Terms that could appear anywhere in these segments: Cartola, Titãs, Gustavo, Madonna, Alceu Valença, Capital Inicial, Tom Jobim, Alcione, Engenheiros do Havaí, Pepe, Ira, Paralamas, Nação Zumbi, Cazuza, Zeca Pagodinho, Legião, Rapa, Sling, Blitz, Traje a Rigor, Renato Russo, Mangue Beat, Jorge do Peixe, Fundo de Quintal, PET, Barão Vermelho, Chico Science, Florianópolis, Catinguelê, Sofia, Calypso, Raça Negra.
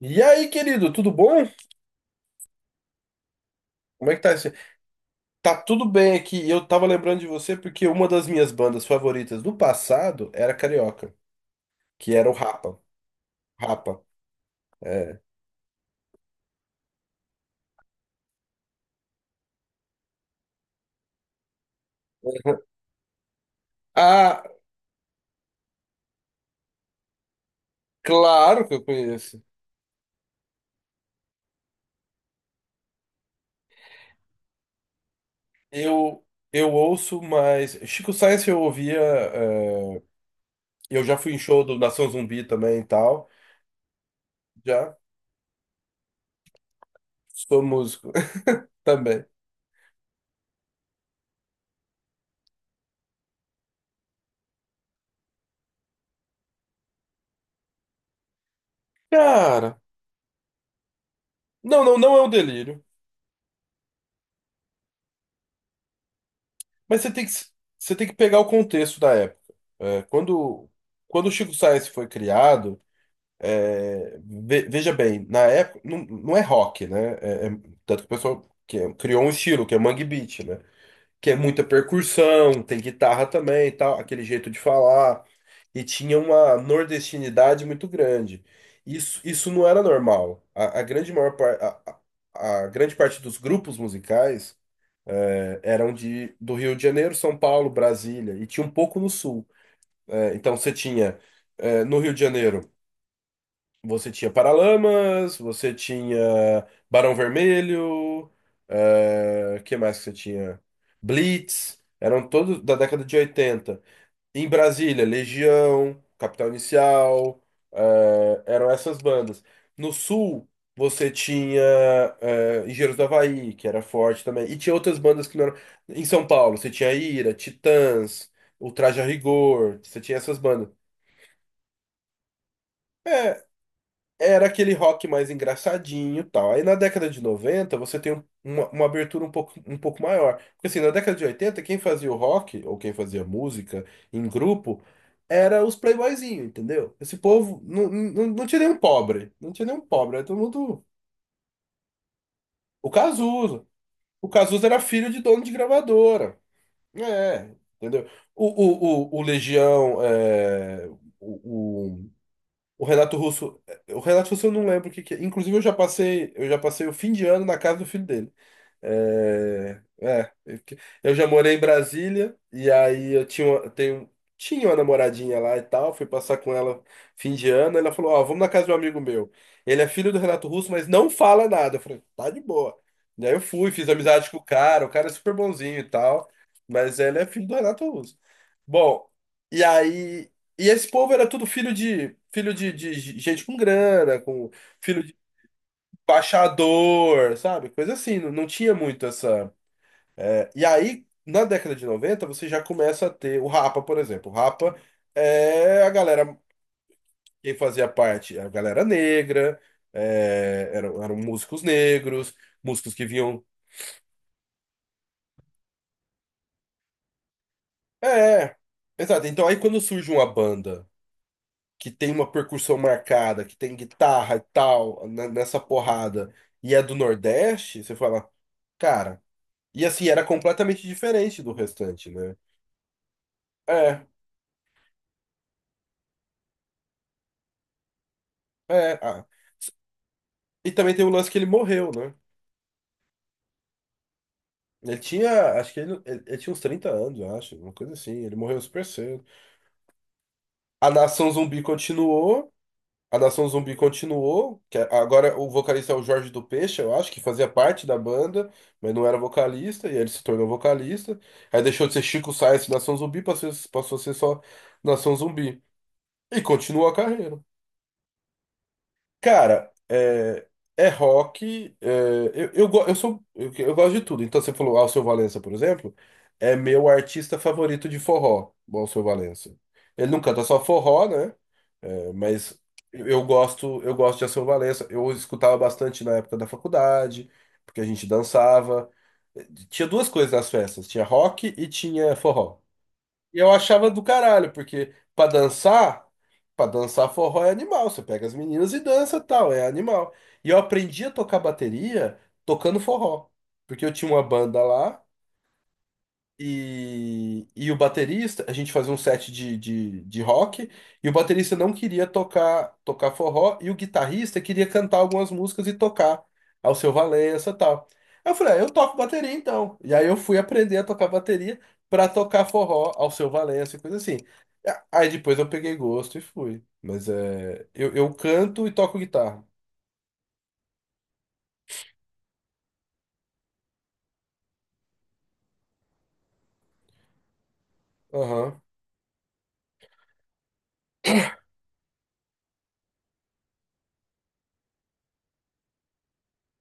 E aí, querido, tudo bom? Como é que tá esse Tá tudo bem aqui. Eu tava lembrando de você porque uma das minhas bandas favoritas do passado era carioca, que era o Rapa. Rapa, é. Uhum. Ah, claro que eu conheço. Eu eu ouço, mas Chico Science eu ouvia, eu já fui em show do Nação Zumbi também e tal. Já sou músico também. Cara, não é um delírio. Mas você tem que pegar o contexto da época. É, quando, quando o Chico Sainz foi criado, veja bem, na época, não é rock, né? Tanto que o pessoal criou um estilo, que é Mangue Beat, né? Que é muita percussão, tem guitarra também, e tal, aquele jeito de falar. E tinha uma nordestinidade muito grande. Isso não era normal. A grande parte dos grupos musicais eram de, do Rio de Janeiro, São Paulo, Brasília, e tinha um pouco no sul. Então você tinha, no Rio de Janeiro, você tinha Paralamas, você tinha Barão Vermelho, que mais que você tinha? Blitz, eram todos da década de 80 em Brasília, Legião, Capital Inicial, eram essas bandas. No sul, você tinha Engenheiros do Havaí, que era forte também. E tinha outras bandas que não eram. Em São Paulo, você tinha Ira, Titãs, o Traje a Rigor, você tinha essas bandas. Era aquele rock mais engraçadinho e tal. Aí na década de 90 você tem uma abertura um pouco maior. Porque assim, na década de 80 quem fazia o rock, ou quem fazia música em grupo, era os playboyzinhos, entendeu? Esse povo, não tinha nenhum pobre. Não tinha nenhum pobre, era todo mundo... O Cazuza. O Cazuza era filho de dono de gravadora. É, entendeu? O, o Legião, o, o Renato Russo, é, o Renato Russo eu não lembro o que que é. Inclusive eu já passei o fim de ano na casa do filho dele. Eu já morei em Brasília e aí tenho, tinha uma namoradinha lá e tal, fui passar com ela fim de ano, ela falou, ó, vamos na casa de um amigo meu. Ele é filho do Renato Russo, mas não fala nada. Eu falei, tá de boa. E aí eu fui, fiz amizade com o cara é super bonzinho e tal, mas ele é filho do Renato Russo. Bom, e aí, e esse povo era tudo filho de gente com grana, com filho baixador, sabe? Coisa assim, não tinha muito essa. E aí, na década de 90 você já começa a ter o Rapa, por exemplo. O Rapa é a galera, quem fazia parte, a galera negra, eram músicos negros, músicos que vinham. É, exato. Então aí quando surge uma banda que tem uma percussão marcada, que tem guitarra e tal, nessa porrada, e é do Nordeste, você fala, cara. E assim, era completamente diferente do restante, né? É, é. ah. E também tem o lance que ele morreu, né? Ele tinha, acho que ele tinha uns 30 anos, eu acho, uma coisa assim. Ele morreu super cedo. A Nação Zumbi continuou, a Nação Zumbi continuou, que é, agora o vocalista é o Jorge do Peixe, eu acho, que fazia parte da banda, mas não era vocalista, e aí ele se tornou vocalista. Aí deixou de ser Chico Science Nação Zumbi, passou a ser só Nação Zumbi. E continuou a carreira. Cara, é rock. É, eu, go- eu sou, eu gosto de tudo. Então, você falou Alceu Valença, por exemplo, é meu artista favorito de forró, o Alceu Valença. Ele não canta só forró, né? É, mas eu gosto de Alceu Valença. Eu escutava bastante na época da faculdade, porque a gente dançava. Tinha duas coisas nas festas: tinha rock e tinha forró. E eu achava do caralho, porque pra dançar forró é animal. Você pega as meninas e dança tal, é animal. E eu aprendi a tocar bateria tocando forró. Porque eu tinha uma banda lá. E o baterista, a gente fazia um set de, de rock, e o baterista não queria tocar forró, e o guitarrista queria cantar algumas músicas e tocar ao seu Valença e tal. Aí eu falei, ah, eu toco bateria então. E aí eu fui aprender a tocar bateria pra tocar forró ao seu Valença e coisa assim. Aí depois eu peguei gosto e fui. Mas é, eu canto e toco guitarra. Aham,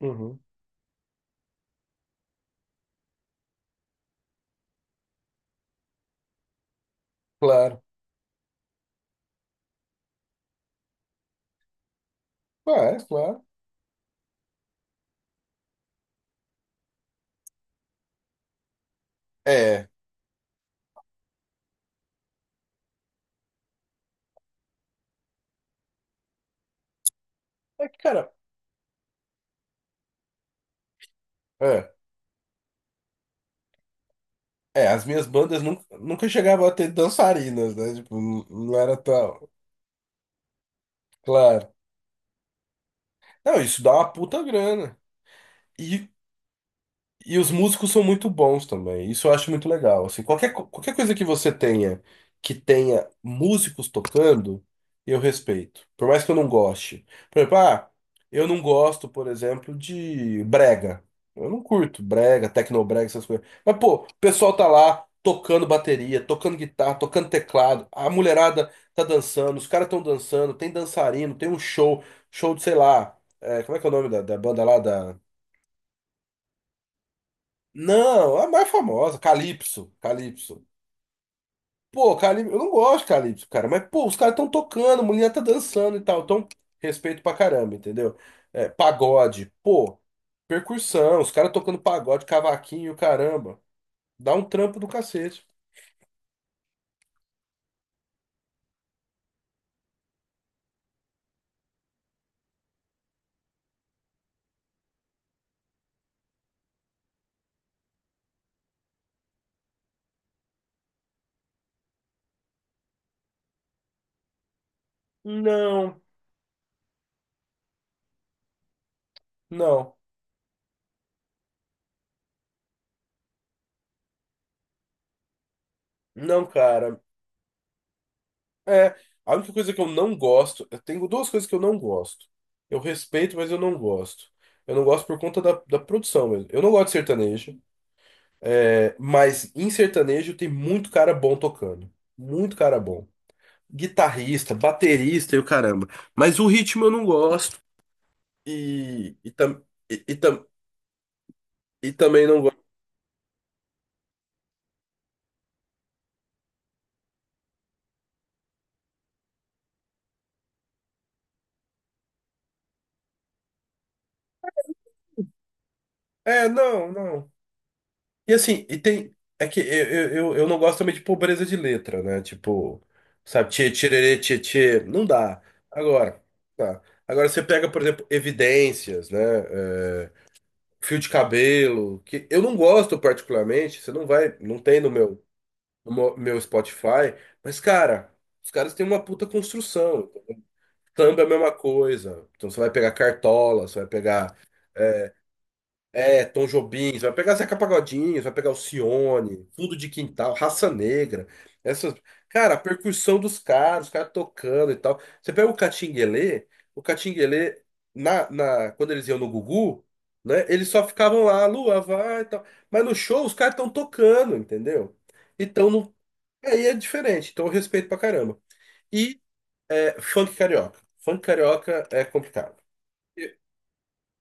uhum, claro. Ah, é, claro. É, é que, cara. É É, As minhas bandas nunca, nunca chegavam a ter dançarinas, né? Tipo, não era tão. Claro. Não, isso dá uma puta grana. E E os músicos são muito bons também. Isso eu acho muito legal. Assim, qualquer coisa que você tenha, que tenha músicos tocando, eu respeito. Por mais que eu não goste. Por exemplo, ah, eu não gosto, por exemplo, de brega. Eu não curto brega, tecnobrega, essas coisas. Mas, pô, o pessoal tá lá tocando bateria, tocando guitarra, tocando teclado. A mulherada tá dançando, os caras estão dançando, tem dançarino, tem um show, show de, sei lá, é, como é que é o nome da, da banda lá? Não, a mais famosa, Calypso, Calypso. Pô, Calypso, eu não gosto de Calypso, cara, mas pô, os caras estão tocando, a mulher tá dançando e tal, então respeito pra caramba, entendeu? É, pagode, pô, percussão, os caras tocando pagode, cavaquinho, caramba, dá um trampo do cacete. Não, não, não, cara. É, a única coisa que eu não gosto, eu tenho duas coisas que eu não gosto. Eu respeito, mas eu não gosto. Eu não gosto por conta da produção mesmo. Eu não gosto de sertanejo. É, mas em sertanejo tem muito cara bom tocando. Muito cara bom. Guitarrista, baterista e o caramba. Mas o ritmo eu não gosto. E, e, tam, e, e tam, e também não gosto. É, não, não. E assim, e tem. É que eu não gosto também de pobreza de letra, né? Tipo, sabe, tchê, tchê, tchê, tchê. Não dá. Agora, tá. Agora você pega, por exemplo, Evidências, né? É, fio de cabelo, que eu não gosto particularmente, você não vai, não tem no meu. Meu Spotify, mas, cara, os caras têm uma puta construção. Samba é a mesma coisa. Então você vai pegar Cartola, você vai pegar é, Tom Jobim, você vai pegar Zeca Pagodinho, você vai pegar Alcione, Fundo de Quintal, Raça Negra. Essas, cara, a percussão dos caras, os caras tocando e tal. Você pega o Catinguelê, na, quando eles iam no Gugu, né, eles só ficavam lá, lua vai e tal. Mas no show os caras estão tocando, entendeu? Então não Aí é diferente, então eu respeito pra caramba. E É, funk carioca. Funk carioca é complicado. E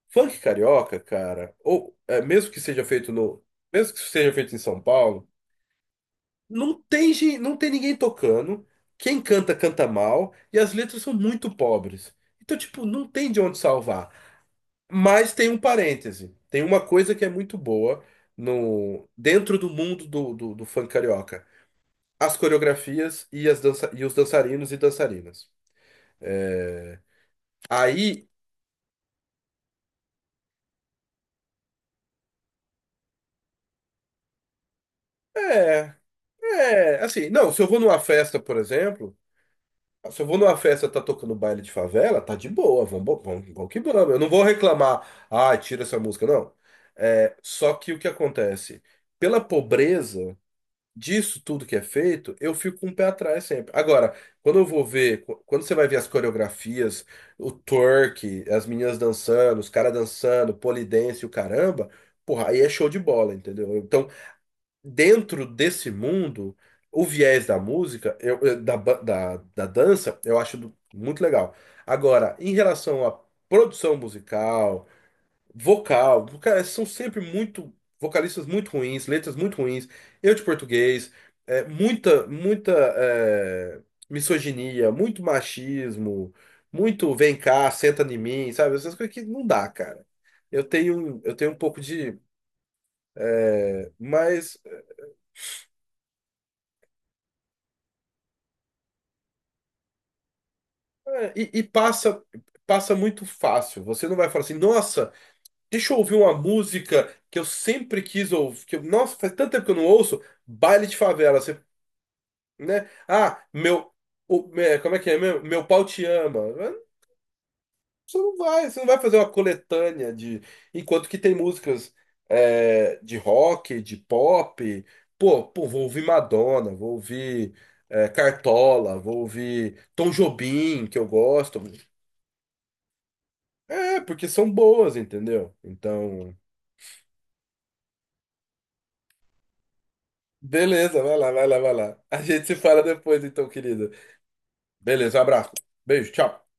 Funk carioca, cara, ou é, mesmo que seja feito no, mesmo que seja feito em São Paulo, não tem ninguém tocando. Quem canta, canta mal, e as letras são muito pobres. Então, tipo, não tem de onde salvar. Mas tem um parêntese. Tem uma coisa que é muito boa no, dentro do mundo do, do funk carioca. As coreografias e os dançarinos e dançarinas. É, Aí, é, assim, não, se eu vou numa festa, por exemplo, se eu vou numa festa tá tocando baile de favela, tá de boa, vamos que vamos. Eu não vou reclamar, ah, tira essa música, não. É, só que o que acontece? Pela pobreza disso tudo que é feito, eu fico com um pé atrás sempre. Agora, quando eu vou ver, quando você vai ver as coreografias, o twerk, as meninas dançando, os caras dançando, pole dance, e o caramba, porra, aí é show de bola, entendeu? Então, dentro desse mundo, o viés da música, da dança, eu acho muito legal. Agora, em relação à produção musical, vocal, cara, são sempre muito vocalistas muito ruins, letras muito ruins, erro de português, é, muita é, misoginia, muito machismo, muito vem cá, senta em mim, sabe? Essas coisas que não dá, cara. Eu tenho um pouco de. Mas É, passa muito fácil. Você não vai falar assim, nossa, deixa eu ouvir uma música que eu sempre quis ouvir, nossa, faz tanto tempo que eu não ouço, baile de favela, né? Ah, meu, o- é, como é que é? meu pau te ama. É, você não vai fazer uma coletânea de, enquanto que tem músicas de rock, de pop, pô, vou ouvir Madonna, vou ouvir Cartola, vou ouvir Tom Jobim, que eu gosto. É, porque são boas, entendeu? Então, beleza, vai lá. A gente se fala depois, então, querido. Beleza, um abraço. Beijo, tchau.